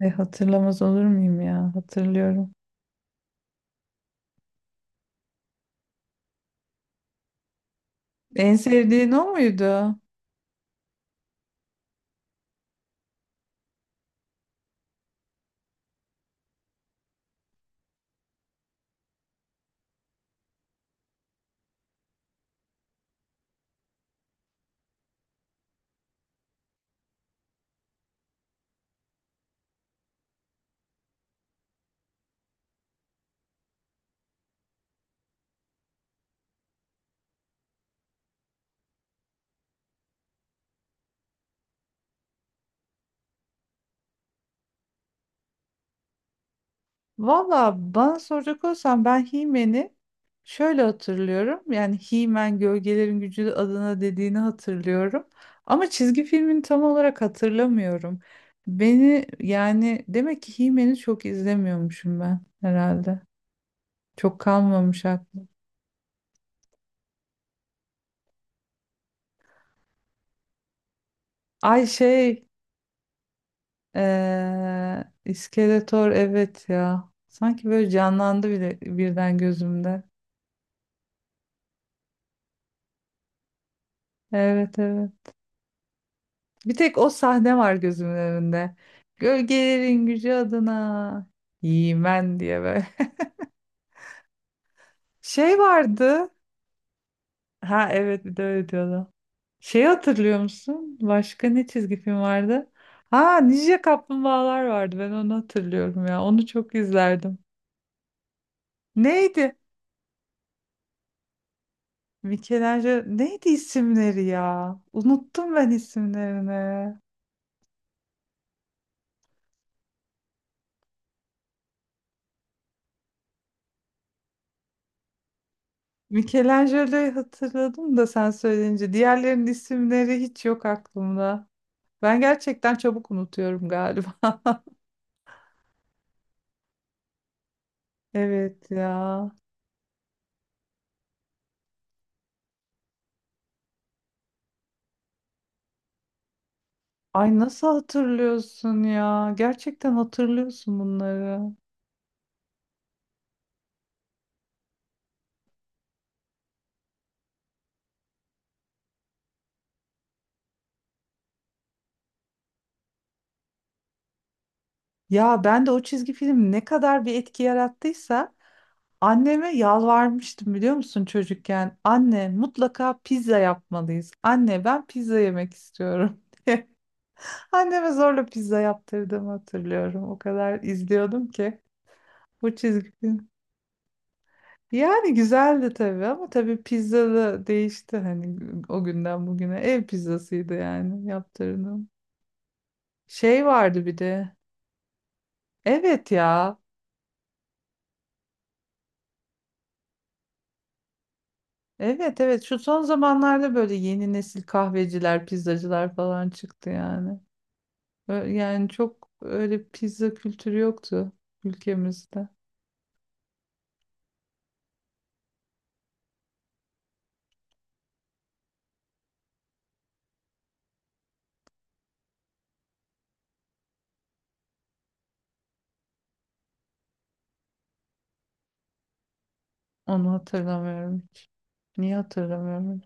Hatırlamaz olur muyum ya? Hatırlıyorum. En sevdiğin o muydu? Valla bana soracak olsan ben He-Man'i şöyle hatırlıyorum. Yani He-Man Gölgelerin Gücü adına dediğini hatırlıyorum. Ama çizgi filmini tam olarak hatırlamıyorum. Beni yani demek ki He-Man'i çok izlemiyormuşum ben herhalde. Çok kalmamış aklım. Ay şey, İskeletor, evet ya. Sanki böyle canlandı bile birden gözümde. Evet, evet. Bir tek o sahne var gözümün önünde. Gölgelerin gücü adına. Yemen diye böyle. Şey vardı. Ha evet, bir de öyle diyordu. Şeyi hatırlıyor musun? Başka ne çizgi film vardı? Ha, Ninja Kaplumbağalar vardı. Ben onu hatırlıyorum ya. Onu çok izlerdim. Neydi? Michelangelo neydi isimleri ya? Unuttum ben isimlerini. Michelangelo'yu hatırladım da sen söyleyince. Diğerlerinin isimleri hiç yok aklımda. Ben gerçekten çabuk unutuyorum galiba. Evet ya. Ay nasıl hatırlıyorsun ya? Gerçekten hatırlıyorsun bunları. Ya ben de o çizgi film ne kadar bir etki yarattıysa anneme yalvarmıştım biliyor musun çocukken? Anne mutlaka pizza yapmalıyız. Anne ben pizza yemek istiyorum. Anneme zorla pizza yaptırdığımı hatırlıyorum. O kadar izliyordum ki bu çizgi film. Yani güzeldi tabii, ama tabii pizza da değişti hani, o günden bugüne ev pizzasıydı yani yaptırdığım. Şey vardı bir de. Evet ya. Evet, evet, şu son zamanlarda böyle yeni nesil kahveciler, pizzacılar falan çıktı yani. Yani çok öyle pizza kültürü yoktu ülkemizde. Onu hatırlamıyorum hiç. Niye hatırlamıyorum?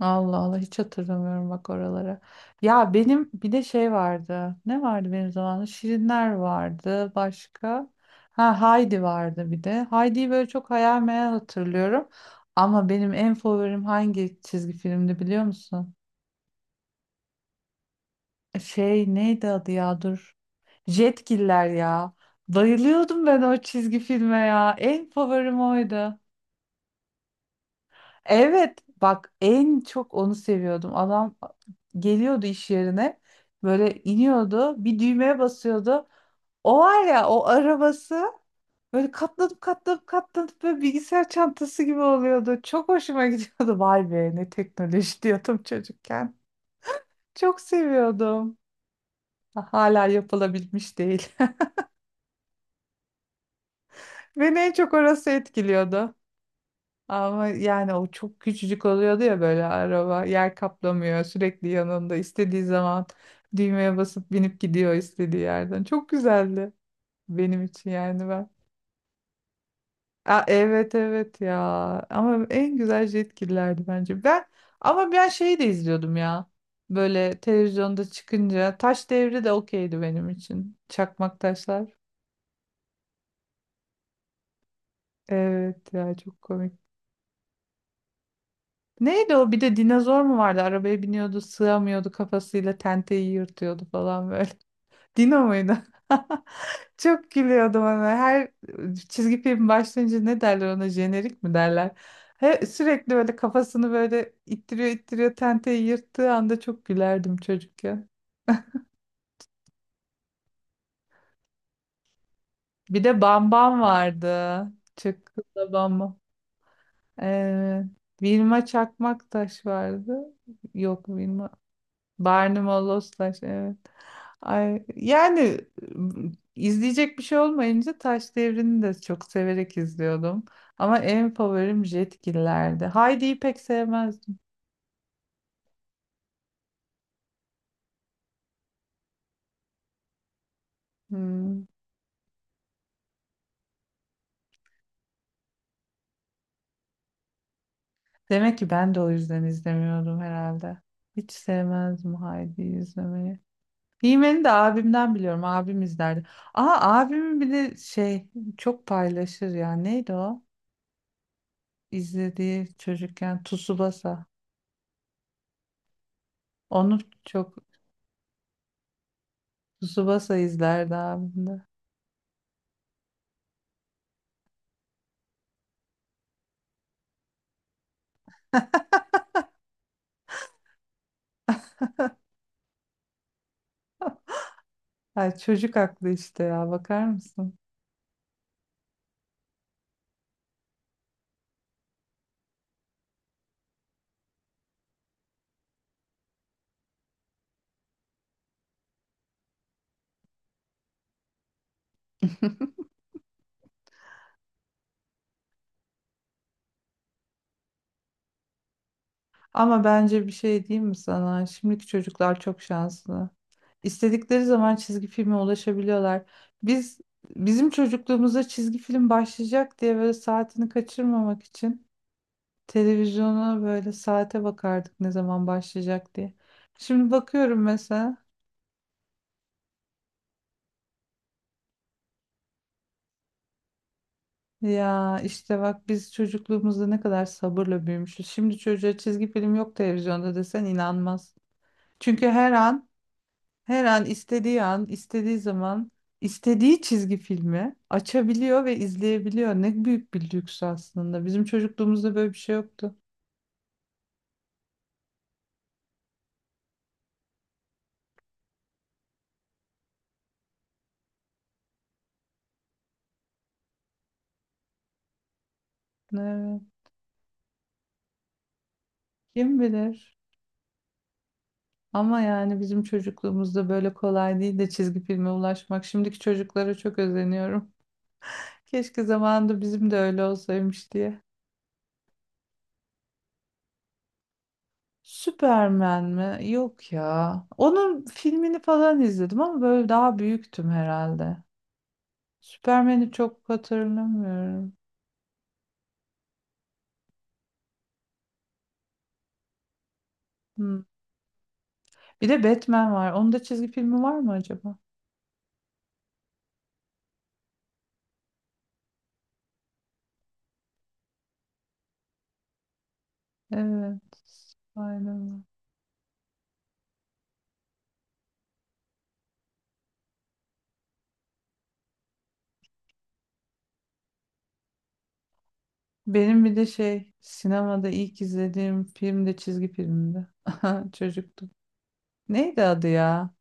Allah Allah, hiç hatırlamıyorum bak oralara. Ya benim bir de şey vardı. Ne vardı benim zamanımda? Şirinler vardı başka. Ha, Haydi vardı bir de. Haydi'yi böyle çok hayal meyal hatırlıyorum. Ama benim en favorim hangi çizgi filmdi biliyor musun? Şey neydi adı ya, dur. Jetgiller ya. Bayılıyordum ben o çizgi filme ya. En favorim oydu. Evet bak, en çok onu seviyordum. Adam geliyordu iş yerine, böyle iniyordu, bir düğmeye basıyordu. O var ya, o arabası böyle katlanıp katlanıp katlanıp böyle bilgisayar çantası gibi oluyordu. Çok hoşuma gidiyordu. Vay be, ne teknoloji diyordum çocukken. Çok seviyordum. Hala yapılabilmiş değil. Beni en çok orası etkiliyordu. Ama yani o çok küçücük oluyordu ya, böyle araba yer kaplamıyor, sürekli yanında istediği zaman düğmeye basıp binip gidiyor istediği yerden. Çok güzeldi benim için yani ben. Aa, evet evet ya, ama en güzel Jetgiller'di bence. Ama ben şeyi de izliyordum ya, böyle televizyonda çıkınca Taş Devri de okeydi benim için. Çakmak Taşlar. Evet ya, çok komik. Neydi o? Bir de dinozor mu vardı? Arabaya biniyordu, sığamıyordu, kafasıyla tenteyi yırtıyordu falan böyle. Dino muydu? Çok gülüyordum ona. Her çizgi film başlayınca ne derler ona? Jenerik mi derler? He, sürekli böyle kafasını böyle ittiriyor ittiriyor, tenteyi yırttığı anda çok gülerdim çocukken. Bir de Bambam vardı. Çıkkıla Bambam. Ee, Vilma Çakmaktaş vardı. Yok Vilma, Barnum o Lost Taş, evet. Ay, yani izleyecek bir şey olmayınca Taş Devri'ni de çok severek izliyordum. Ama en favorim Jetgiller'di. Heidi'yi pek sevmezdim. Hmm. Demek ki ben de o yüzden izlemiyordum herhalde. Hiç sevmezdim Heidi'yi izlemeyi. He de abimden biliyorum. Abim izlerdi. Aa, abimin bir de şey çok paylaşır ya. Neydi o? İzlediği çocukken Tsubasa. Onu, çok, Tsubasa izlerdi abimde. Ay çocuk aklı işte ya, bakar mısın? Ama bence bir şey diyeyim mi sana? Şimdiki çocuklar çok şanslı. İstedikleri zaman çizgi filme ulaşabiliyorlar. Biz bizim çocukluğumuzda çizgi film başlayacak diye böyle saatini kaçırmamak için televizyona böyle saate bakardık ne zaman başlayacak diye. Şimdi bakıyorum mesela. Ya işte bak, biz çocukluğumuzda ne kadar sabırla büyümüşüz. Şimdi çocuğa çizgi film yok televizyonda desen inanmaz. Çünkü her an istediği an, istediği zaman, istediği çizgi filmi açabiliyor ve izleyebiliyor. Ne büyük bir lüks aslında. Bizim çocukluğumuzda böyle bir şey yoktu. Evet, kim bilir? Ama yani bizim çocukluğumuzda böyle kolay değil de çizgi filme ulaşmak. Şimdiki çocuklara çok özeniyorum. Keşke zamanında bizim de öyle olsaymış diye. Superman mi? Yok ya. Onun filmini falan izledim ama böyle daha büyüktüm herhalde. Superman'i çok hatırlamıyorum. Hmm. Bir de Batman var. Onun da çizgi filmi var mı acaba? Evet. Aynen. Benim bir de şey sinemada ilk izlediğim film de çizgi filmdi. Çocuktum. Neydi adı ya?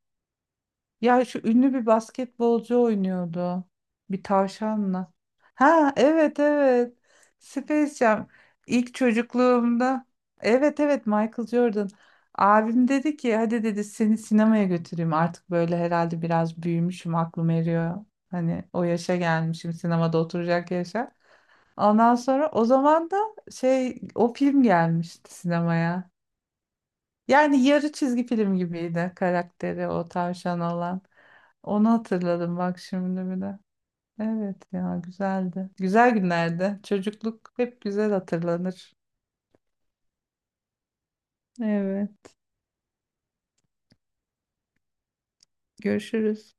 Ya şu ünlü bir basketbolcu oynuyordu. Bir tavşanla. Ha evet, evet. Space Jam. İlk çocukluğumda. Evet evet, Michael Jordan. Abim dedi ki hadi dedi, seni sinemaya götüreyim. Artık böyle herhalde biraz büyümüşüm, aklım eriyor. Hani o yaşa gelmişim, sinemada oturacak yaşa. Ondan sonra o zaman da şey, o film gelmişti sinemaya. Yani yarı çizgi film gibiydi, karakteri o tavşan olan. Onu hatırladım bak şimdi bir de. Evet ya, güzeldi. Güzel günlerdi. Çocukluk hep güzel hatırlanır. Evet. Görüşürüz.